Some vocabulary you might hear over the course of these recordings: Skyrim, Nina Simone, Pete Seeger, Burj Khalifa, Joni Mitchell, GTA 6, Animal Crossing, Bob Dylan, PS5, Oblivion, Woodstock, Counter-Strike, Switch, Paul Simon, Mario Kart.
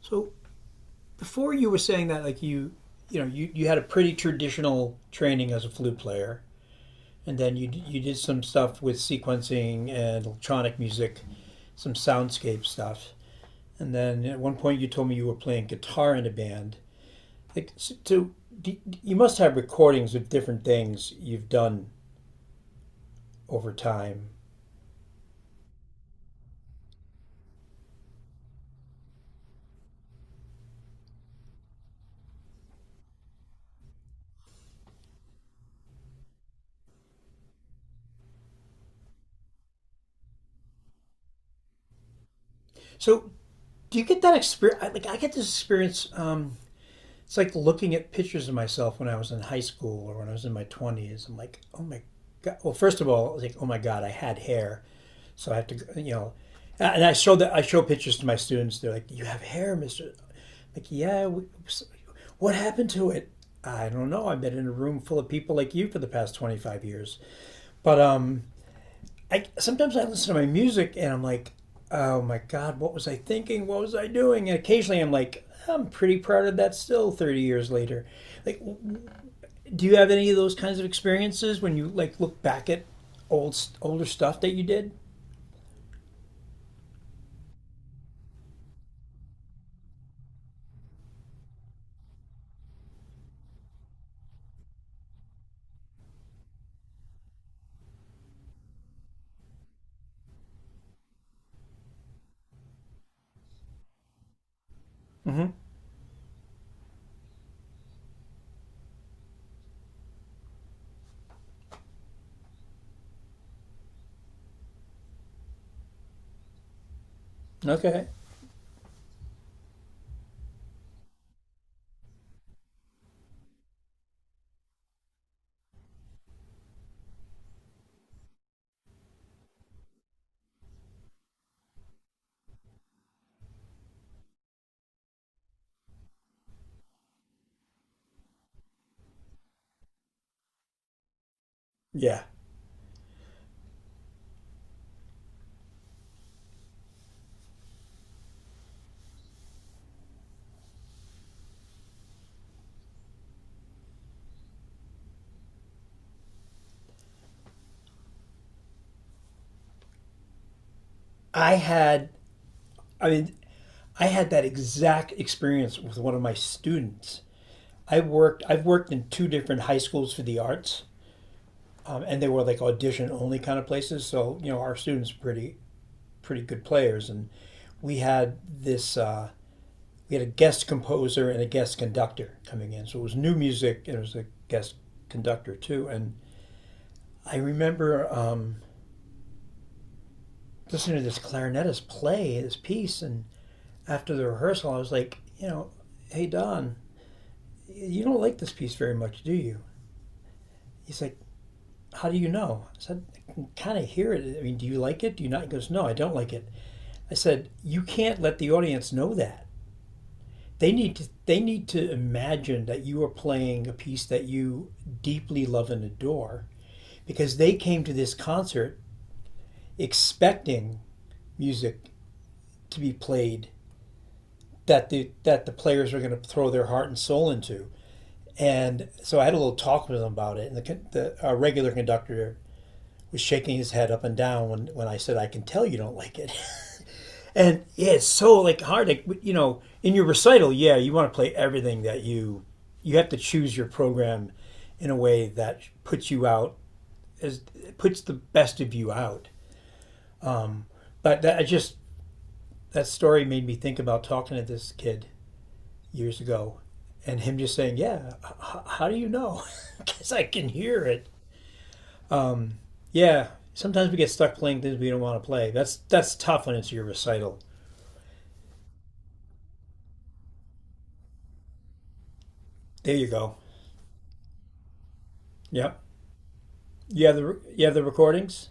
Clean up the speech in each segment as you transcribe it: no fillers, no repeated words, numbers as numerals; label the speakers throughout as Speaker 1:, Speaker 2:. Speaker 1: So before you were saying that, like you had a pretty traditional training as a flute player, and then you did some stuff with sequencing and electronic music, some soundscape stuff, and then at 1 point you told me you were playing guitar in a band. So you must have recordings of different things you've done over time. So do you get that experience? Like I get this experience. It's like looking at pictures of myself when I was in high school or when I was in my 20s. I'm like, oh my God. Well, first of all, I was like, oh my God, I had hair. So I have to, you know, and I show pictures to my students. They're like, you have hair, Mr. I'm like, yeah. What happened to it? I don't know. I've been in a room full of people like you for the past 25 years. But I sometimes I listen to my music and I'm like, oh my god, what was I thinking? What was I doing? And occasionally I'm like, I'm pretty proud of that still 30 years later. Like, do you have any of those kinds of experiences when you like look back at older stuff that you did? Okay. Yeah. I had I mean, I had that exact experience with one of my students. I've worked in two different high schools for the arts. And they were like audition only kind of places. So, you know, our students were pretty good players, and we had this uh, we had a guest composer and a guest conductor coming in, so it was new music and it was a guest conductor too. And I remember listening to this clarinetist play this piece, and after the rehearsal, I was like, you know, hey Don, you don't like this piece very much, do you? He's like, how do you know? I said, I can kind of hear it. I mean, do you like it? Do you not? He goes, no, I don't like it. I said, you can't let the audience know that. They need to imagine that you are playing a piece that you deeply love and adore because they came to this concert expecting music to be played that the players are going to throw their heart and soul into. And so I had a little talk with them about it. And the our regular conductor was shaking his head up and down when I said I can tell you don't like it. And yeah, it's so like hard. Like you know, in your recital, yeah, you want to play everything that you have to choose your program in a way that as puts the best of you out. But that I just that story made me think about talking to this kid years ago, and him just saying, "Yeah, how do you know? Because I can hear it." Yeah, sometimes we get stuck playing things we don't want to play. That's tough when it's your recital. There you go. Yep. You have the recordings.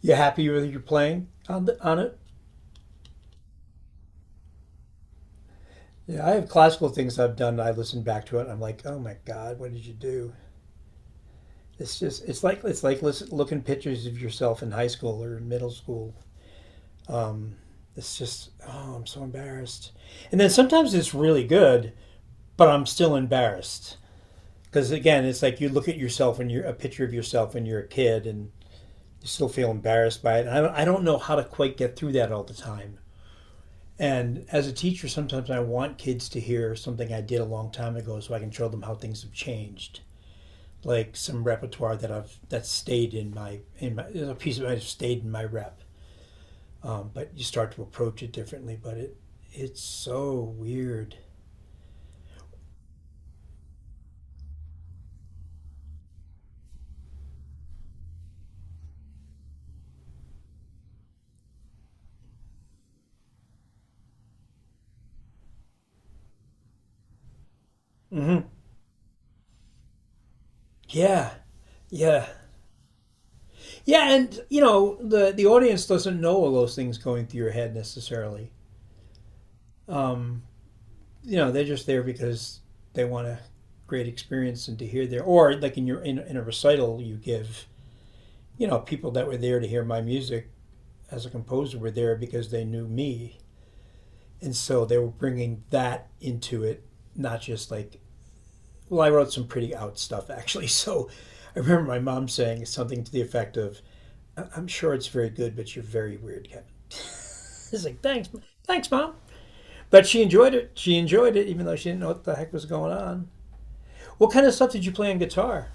Speaker 1: You happy with your playing on on it? Yeah, I have classical things I've done. I listen back to it. I'm like, oh my god, what did you do? It's just it's like looking pictures of yourself in high school or in middle school. Um, it's just oh, I'm so embarrassed. And then sometimes it's really good, but I'm still embarrassed because again, it's like you look at yourself and you're a picture of yourself when you're a kid, and you still feel embarrassed by it. And I don't know how to quite get through that all the time. And as a teacher, sometimes I want kids to hear something I did a long time ago so I can show them how things have changed. Like some repertoire that I've that stayed in my, a piece of it stayed in my rep. But you start to approach it differently. But it's so weird. hmm Yeah, yeah, yeah. And you know the audience doesn't know all those things going through your head necessarily. Um, you know they're just there because they want a great experience and to hear their, or like in your in a recital you give, you know, people that were there to hear my music as a composer were there because they knew me, and so they were bringing that into it, not just like, well, I wrote some pretty out stuff actually. So I remember my mom saying something to the effect of, "I am sure it's very good, but you're very weird, Kevin." It's like, thanks. Thanks mom. But she enjoyed it. She enjoyed it even though she didn't know what the heck was going on. What kind of stuff did you play on guitar?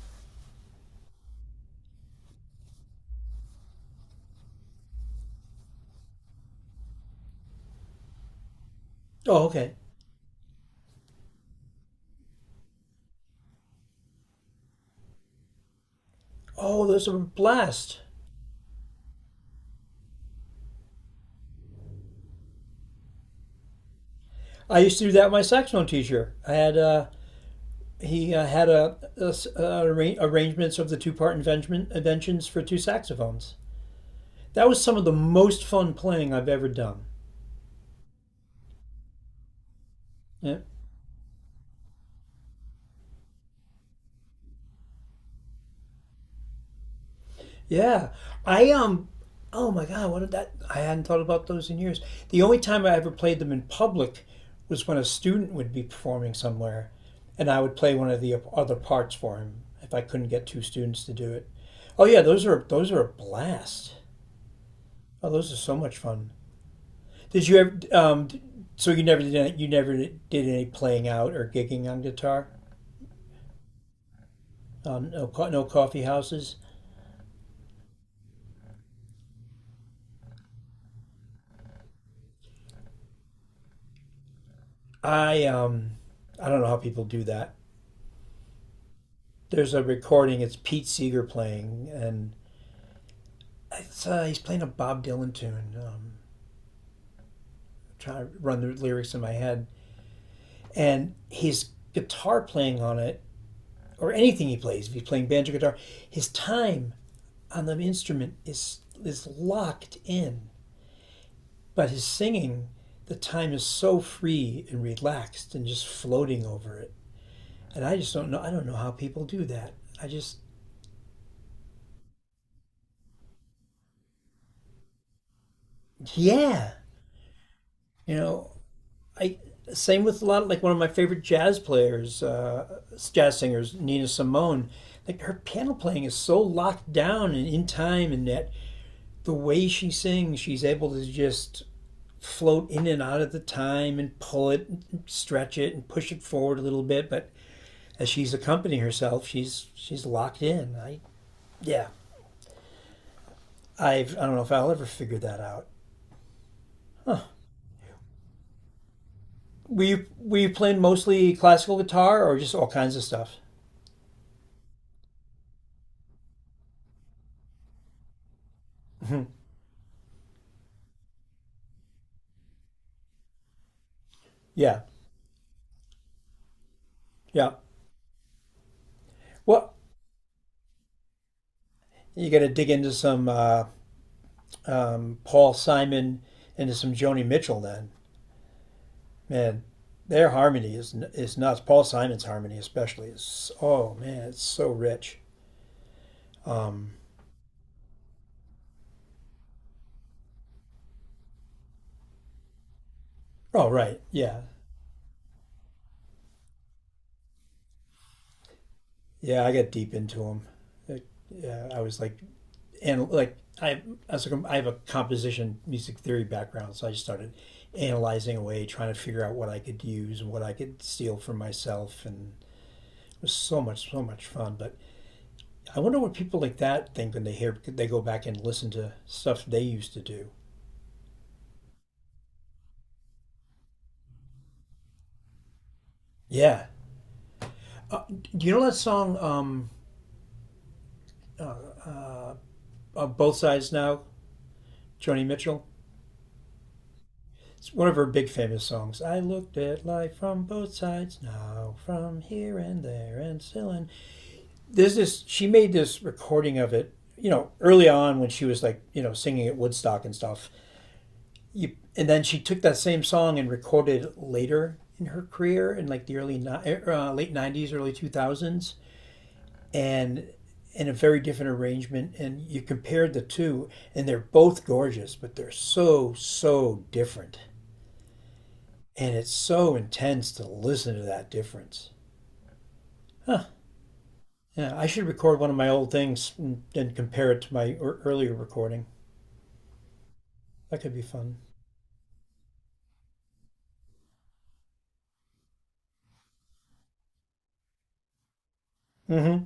Speaker 1: Oh, okay. Oh, those are a blast. I used to do that with my saxophone teacher. I had he had a arrangements of the inventions for two saxophones. That was some of the most fun playing I've ever done. Yeah. Yeah. I um oh my God, what did that I hadn't thought about those in years. The only time I ever played them in public was when a student would be performing somewhere and I would play one of the other parts for him if I couldn't get two students to do it. Oh yeah, those are a blast. Oh, those are so much fun. Did you ever so you never did you never did any playing out or gigging on guitar? No, no coffee houses. I um I don't know how people do that. There's a recording. It's Pete Seeger playing, and it's, he's playing a Bob Dylan tune. Trying to run the lyrics in my head, and his guitar playing on it, or anything he plays, if he's playing banjo guitar, his time on the instrument is locked in, but his singing, the time is so free and relaxed and just floating over it. And I just don't know. I don't know how people do that. I just yeah, you know, I same with a lot of like one of my favorite jazz players, jazz singers, Nina Simone. Like her piano playing is so locked down and in time, and that the way she sings, she's able to just float in and out of the time and pull it, and stretch it, and push it forward a little bit. But as she's accompanying herself, she's locked in. I yeah, I don't know if I'll ever figure that out. Were you playing mostly classical guitar or just all kinds of stuff? Yeah, yeah. Well, you got to dig into some Paul Simon, into some Joni Mitchell. Then, man, their harmony is nuts. Paul Simon's harmony, especially, is oh man, it's so rich. Um, oh right, yeah, yeah. I got deep into them. It, yeah, I was like, and I have a composition music theory background, so I just started analyzing away, trying to figure out what I could use and what I could steal for myself, and it was so much fun. But I wonder what people like that think when they go back and listen to stuff they used to do. Yeah, do you know that song "Both Sides Now"? Joni Mitchell. It's one of her big famous songs. I looked at life from both sides now, from here and there and still, and there's this. She made this recording of it. You know, early on when she was like, you know, singing at Woodstock and stuff. And then she took that same song and recorded it later in her career in like the early late 90s, early 2000s, and in a very different arrangement, and you compared the two and they're both gorgeous but they're so so different, and it's so intense to listen to that difference. Huh. Yeah, I should record one of my old things and compare it to my earlier recording. That could be fun. Mm hmm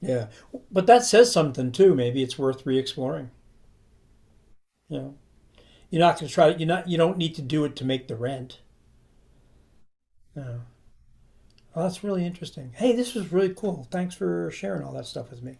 Speaker 1: yeah, but that says something too. Maybe it's worth re-exploring, you know. You're not going to try it. You're not, you don't need to do it to make the rent. No. Well, that's really interesting. Hey, this was really cool. Thanks for sharing all that stuff with me.